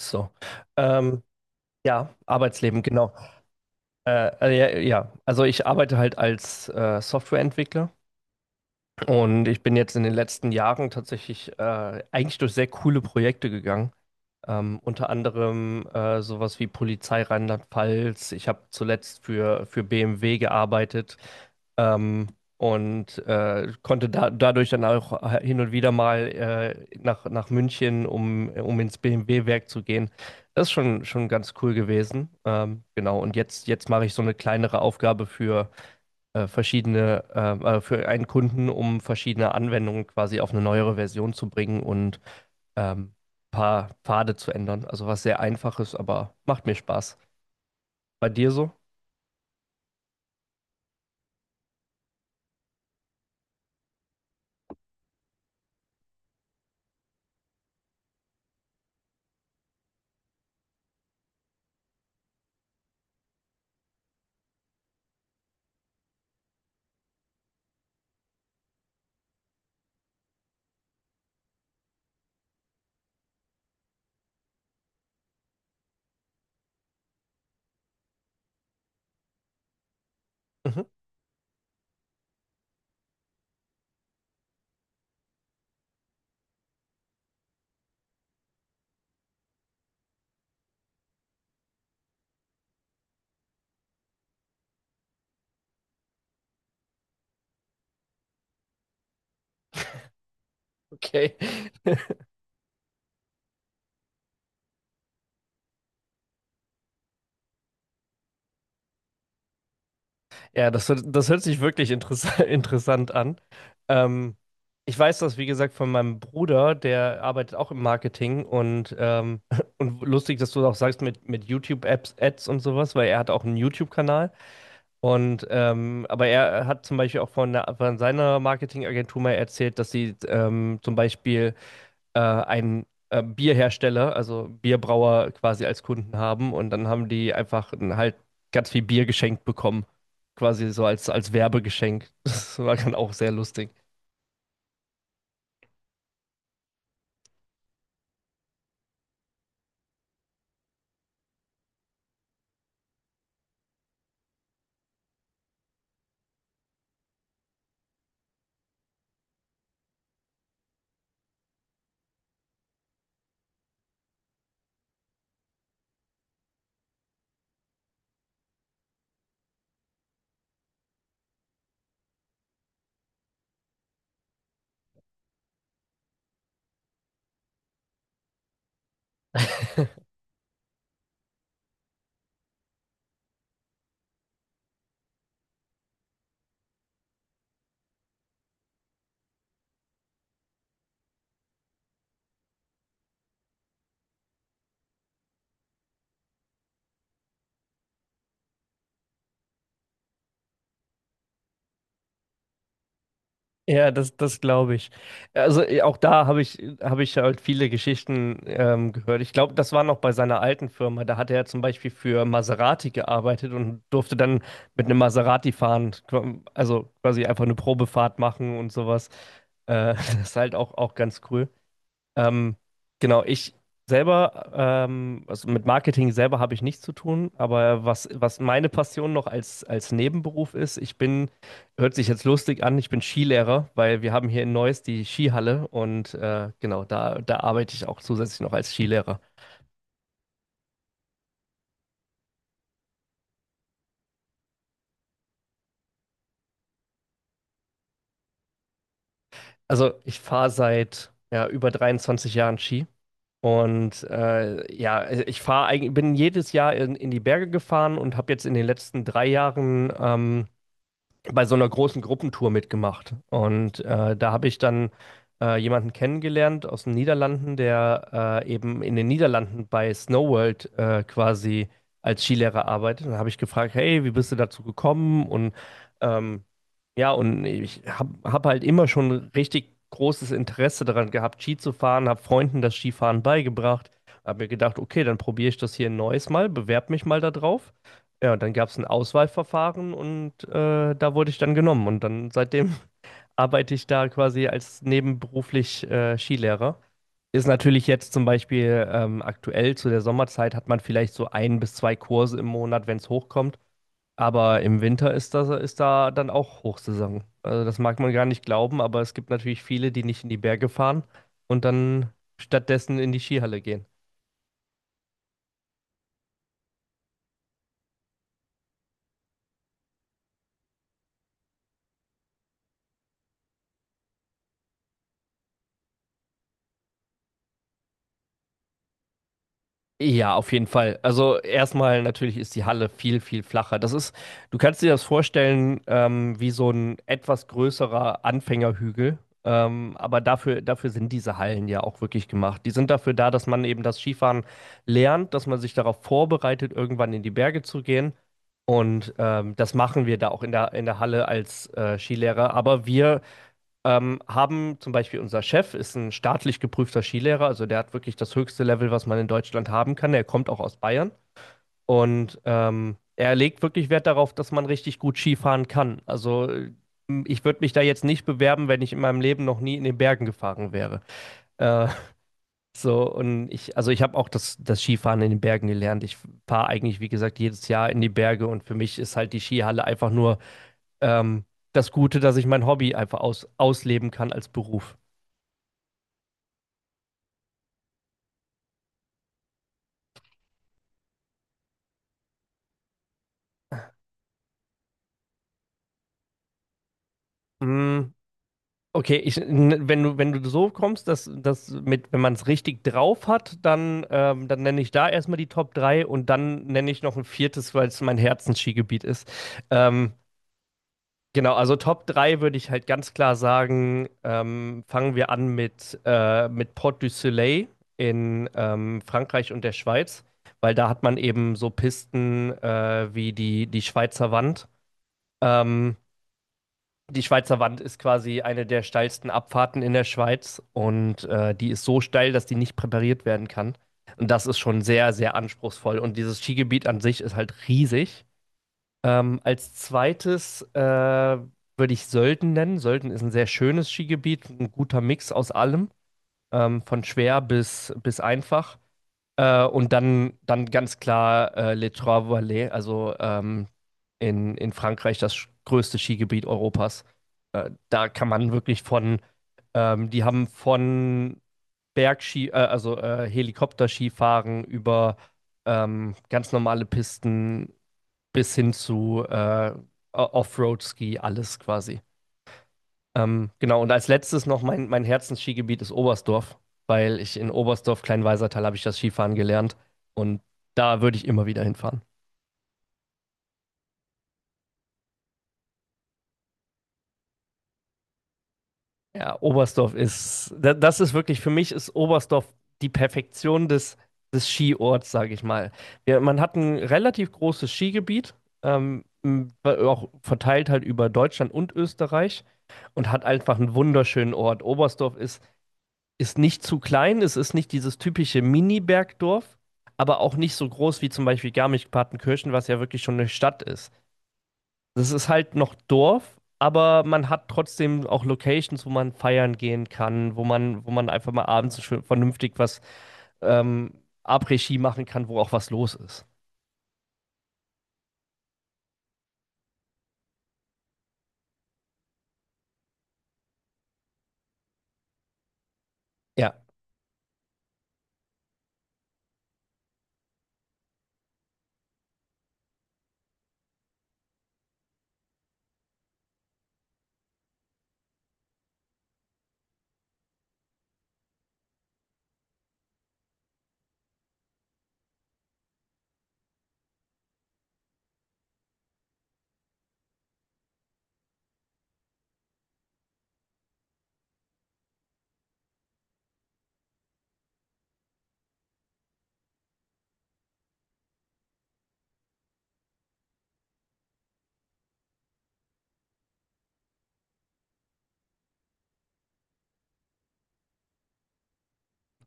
So. Ähm, ja, Arbeitsleben, genau. Äh, ja, also ich arbeite halt als Softwareentwickler und ich bin jetzt in den letzten Jahren tatsächlich eigentlich durch sehr coole Projekte gegangen. Unter anderem sowas wie Polizei Rheinland-Pfalz. Ich habe zuletzt für BMW gearbeitet ähm, und konnte da, dadurch dann auch hin und wieder mal nach München, um ins BMW-Werk zu gehen. Das ist schon ganz cool gewesen. Genau, und jetzt mache ich so eine kleinere Aufgabe für für einen Kunden, um verschiedene Anwendungen quasi auf eine neuere Version zu bringen und ähm, paar Pfade zu ändern. Also was sehr einfaches, aber macht mir Spaß. Bei dir so? Mhm. Okay. Ja, das hört sich wirklich interess interessant an. Ähm, Ich weiß das, wie gesagt, von meinem Bruder, der arbeitet auch im Marketing und, und lustig, dass du auch sagst mit YouTube-Apps, Ads und sowas, weil er hat auch einen YouTube-Kanal. Und aber er hat zum Beispiel auch von seiner Marketingagentur mal erzählt, dass sie zum Beispiel einen Bierhersteller, also Bierbrauer quasi als Kunden haben und dann haben die einfach halt ganz viel Bier geschenkt bekommen. Quasi so als Werbegeschenk. Das war dann auch sehr lustig. Ja, das, das glaube ich. Also eh, auch da habe ich halt viele Geschichten gehört. Ich glaube, das war noch bei seiner alten Firma. Da hat er zum Beispiel für Maserati gearbeitet und durfte dann mit einem Maserati fahren, quasi einfach eine Probefahrt machen und sowas. Das ist halt auch ganz cool. Ähm, genau, ich selber, also mit Marketing selber habe ich nichts zu tun, aber was meine Passion noch als Nebenberuf ist, ich bin, hört sich jetzt lustig an, ich bin Skilehrer, weil wir haben hier in Neuss die Skihalle und genau, da arbeite ich auch zusätzlich noch als Skilehrer. Also ich fahre seit ja, über 23 Jahren Ski. Und ja, ich fahre eigentlich, bin jedes Jahr in die Berge gefahren und habe jetzt in den letzten drei Jahren bei so einer großen Gruppentour mitgemacht. Und da habe ich dann jemanden kennengelernt aus den Niederlanden, der eben in den Niederlanden bei Snow World quasi als Skilehrer arbeitet. Und da habe ich gefragt, hey, wie bist du dazu gekommen? Und ähm, ja, und ich hab halt immer schon richtig großes Interesse daran gehabt, Ski zu fahren, habe Freunden das Skifahren beigebracht, habe mir gedacht, okay, dann probiere ich das hier ein neues Mal, bewerbe mich mal da drauf. Ja, und dann gab es ein Auswahlverfahren und da wurde ich dann genommen. Und dann seitdem arbeite ich da quasi als nebenberuflich Skilehrer. Ist natürlich jetzt zum Beispiel aktuell zu der Sommerzeit hat man vielleicht so ein bis zwei Kurse im Monat, wenn es hochkommt. Aber im Winter ist das, ist da dann auch Hochsaison. Also das mag man gar nicht glauben, aber es gibt natürlich viele, die nicht in die Berge fahren und dann stattdessen in die Skihalle gehen. Ja, auf jeden Fall. Also erstmal natürlich ist die Halle viel flacher. Das ist, du kannst dir das vorstellen, wie so ein etwas größerer Anfängerhügel. Aber dafür sind diese Hallen ja auch wirklich gemacht. Die sind dafür da, dass man eben das Skifahren lernt, dass man sich darauf vorbereitet, irgendwann in die Berge zu gehen. Und das machen wir da auch in der Halle als Skilehrer. Aber wir haben zum Beispiel, unser Chef ist ein staatlich geprüfter Skilehrer, also der hat wirklich das höchste Level, was man in Deutschland haben kann. Er kommt auch aus Bayern und er legt wirklich Wert darauf, dass man richtig gut Skifahren kann. Also ich würde mich da jetzt nicht bewerben, wenn ich in meinem Leben noch nie in den Bergen gefahren wäre. Äh, so und ich, also ich habe auch das Skifahren in den Bergen gelernt. Ich fahre eigentlich, wie gesagt, jedes Jahr in die Berge und für mich ist halt die Skihalle einfach nur ähm, das Gute, dass ich mein Hobby einfach ausleben kann als Beruf. Mm. Okay, wenn du so kommst, dass das mit, wenn man es richtig drauf hat, dann, dann nenne ich da erstmal die Top 3 und dann nenne ich noch ein viertes, weil es mein Herzensskigebiet ist. Ähm, genau, also Top 3 würde ich halt ganz klar sagen, fangen wir an mit Port du Soleil in Frankreich und der Schweiz, weil da hat man eben so Pisten wie die Schweizer Wand. Ähm, Die Schweizer Wand ist quasi eine der steilsten Abfahrten in der Schweiz und die ist so steil, dass die nicht präpariert werden kann. Und das ist schon sehr, sehr anspruchsvoll. Und dieses Skigebiet an sich ist halt riesig. Als zweites würde ich Sölden nennen. Sölden ist ein sehr schönes Skigebiet, ein guter Mix aus allem, von schwer bis einfach. Und dann ganz klar Les Trois Vallées, also in Frankreich das größte Skigebiet Europas. Da kann man wirklich von, die haben von Bergski, Helikopterskifahren über ganz normale Pisten bis hin zu Offroad-Ski, alles quasi. Genau, und als letztes noch mein Herzensskigebiet ist Oberstdorf, weil ich in Oberstdorf, Kleinweisertal, habe ich das Skifahren gelernt und da würde ich immer wieder hinfahren. Ja, Oberstdorf ist, da- das ist wirklich, für mich ist Oberstdorf die Perfektion des, des Skiorts, sage ich mal. Wir, man hat ein relativ großes Skigebiet, auch verteilt halt über Deutschland und Österreich und hat einfach einen wunderschönen Ort. Oberstdorf ist, ist nicht zu klein, es ist nicht dieses typische Mini-Bergdorf, aber auch nicht so groß wie zum Beispiel Garmisch-Partenkirchen, was ja wirklich schon eine Stadt ist. Das ist halt noch Dorf, aber man hat trotzdem auch Locations, wo man feiern gehen kann, wo man einfach mal abends schön vernünftig was ähm, Après-Ski machen kann, wo auch was los ist. Ja.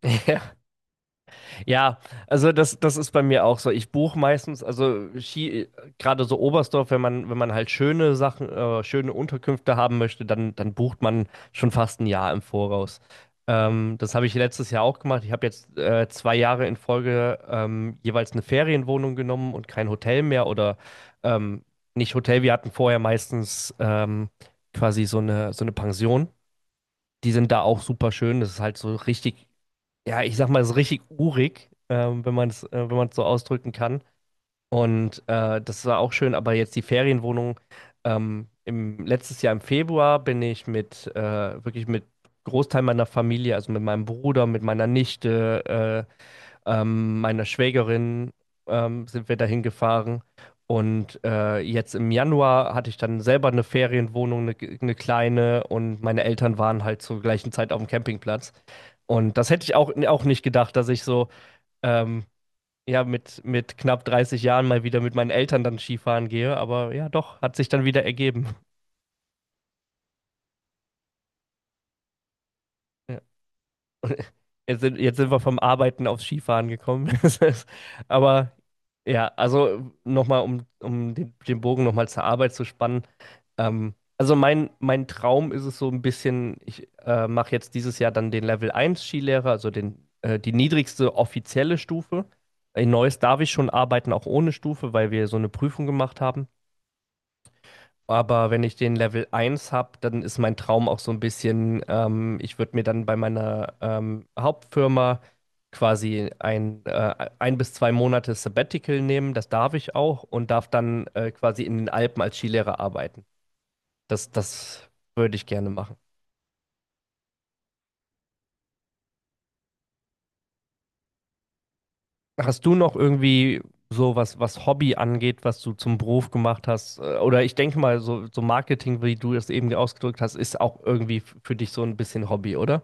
Ja, also das, das ist bei mir auch so. Ich buche meistens, also Ski, gerade so Oberstdorf, wenn man halt schöne Sachen, schöne Unterkünfte haben möchte, dann bucht man schon fast ein Jahr im Voraus. Das habe ich letztes Jahr auch gemacht. Ich habe jetzt zwei Jahre in Folge jeweils eine Ferienwohnung genommen und kein Hotel mehr oder ähm, nicht Hotel. Wir hatten vorher meistens quasi so eine Pension. Die sind da auch super schön. Das ist halt so richtig ja, ich sag mal, ist richtig urig, wenn man es wenn man es so ausdrücken kann. Und das war auch schön, aber jetzt die Ferienwohnung. Letztes Jahr im Februar bin ich wirklich mit Großteil meiner Familie, also mit meinem Bruder, mit meiner Nichte, meiner Schwägerin sind wir dahin gefahren. Und jetzt im Januar hatte ich dann selber eine Ferienwohnung, eine kleine, und meine Eltern waren halt zur gleichen Zeit auf dem Campingplatz. Und das hätte ich auch nicht gedacht, dass ich so ähm, ja, mit knapp 30 Jahren mal wieder mit meinen Eltern dann Skifahren gehe. Aber ja, doch, hat sich dann wieder ergeben. Jetzt sind wir vom Arbeiten aufs Skifahren gekommen. Das ist- Aber Ja, also nochmal, um den, den Bogen nochmal zur Arbeit zu spannen. Also mein Traum ist es so ein bisschen, ich mache jetzt dieses Jahr dann den Level eins Skilehrer, also den, die niedrigste offizielle Stufe. In Neuss darf ich schon arbeiten, auch ohne Stufe, weil wir so eine Prüfung gemacht haben. Aber wenn ich den Level eins habe, dann ist mein Traum auch so ein bisschen, ich würde mir dann bei meiner Hauptfirma quasi ein bis zwei Monate Sabbatical nehmen, das darf ich auch und darf dann quasi in den Alpen als Skilehrer arbeiten. Das, das würde ich gerne machen. Hast du noch irgendwie so was, was Hobby angeht, was du zum Beruf gemacht hast? Oder ich denke mal, so, so Marketing, wie du es eben ausgedrückt hast, ist auch irgendwie für dich so ein bisschen Hobby, oder?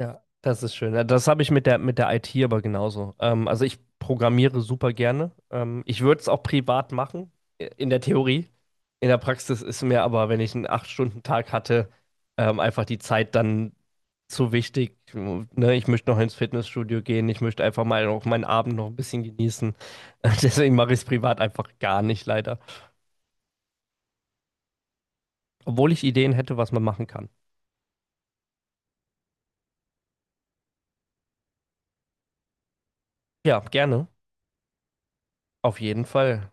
Ja, das ist schön. Ja, das habe ich mit der IT aber genauso. Also ich programmiere super gerne. Ich würde es auch privat machen, in der Theorie. In der Praxis ist mir aber, wenn ich einen acht stunden tag hatte, einfach die Zeit dann zu wichtig. Ne? Ich möchte noch ins Fitnessstudio gehen. Ich möchte einfach mal auch meinen Abend noch ein bisschen genießen. Deswegen mache ich es privat einfach gar nicht, leider. Obwohl ich Ideen hätte, was man machen kann. Ja, gerne. Auf jeden Fall.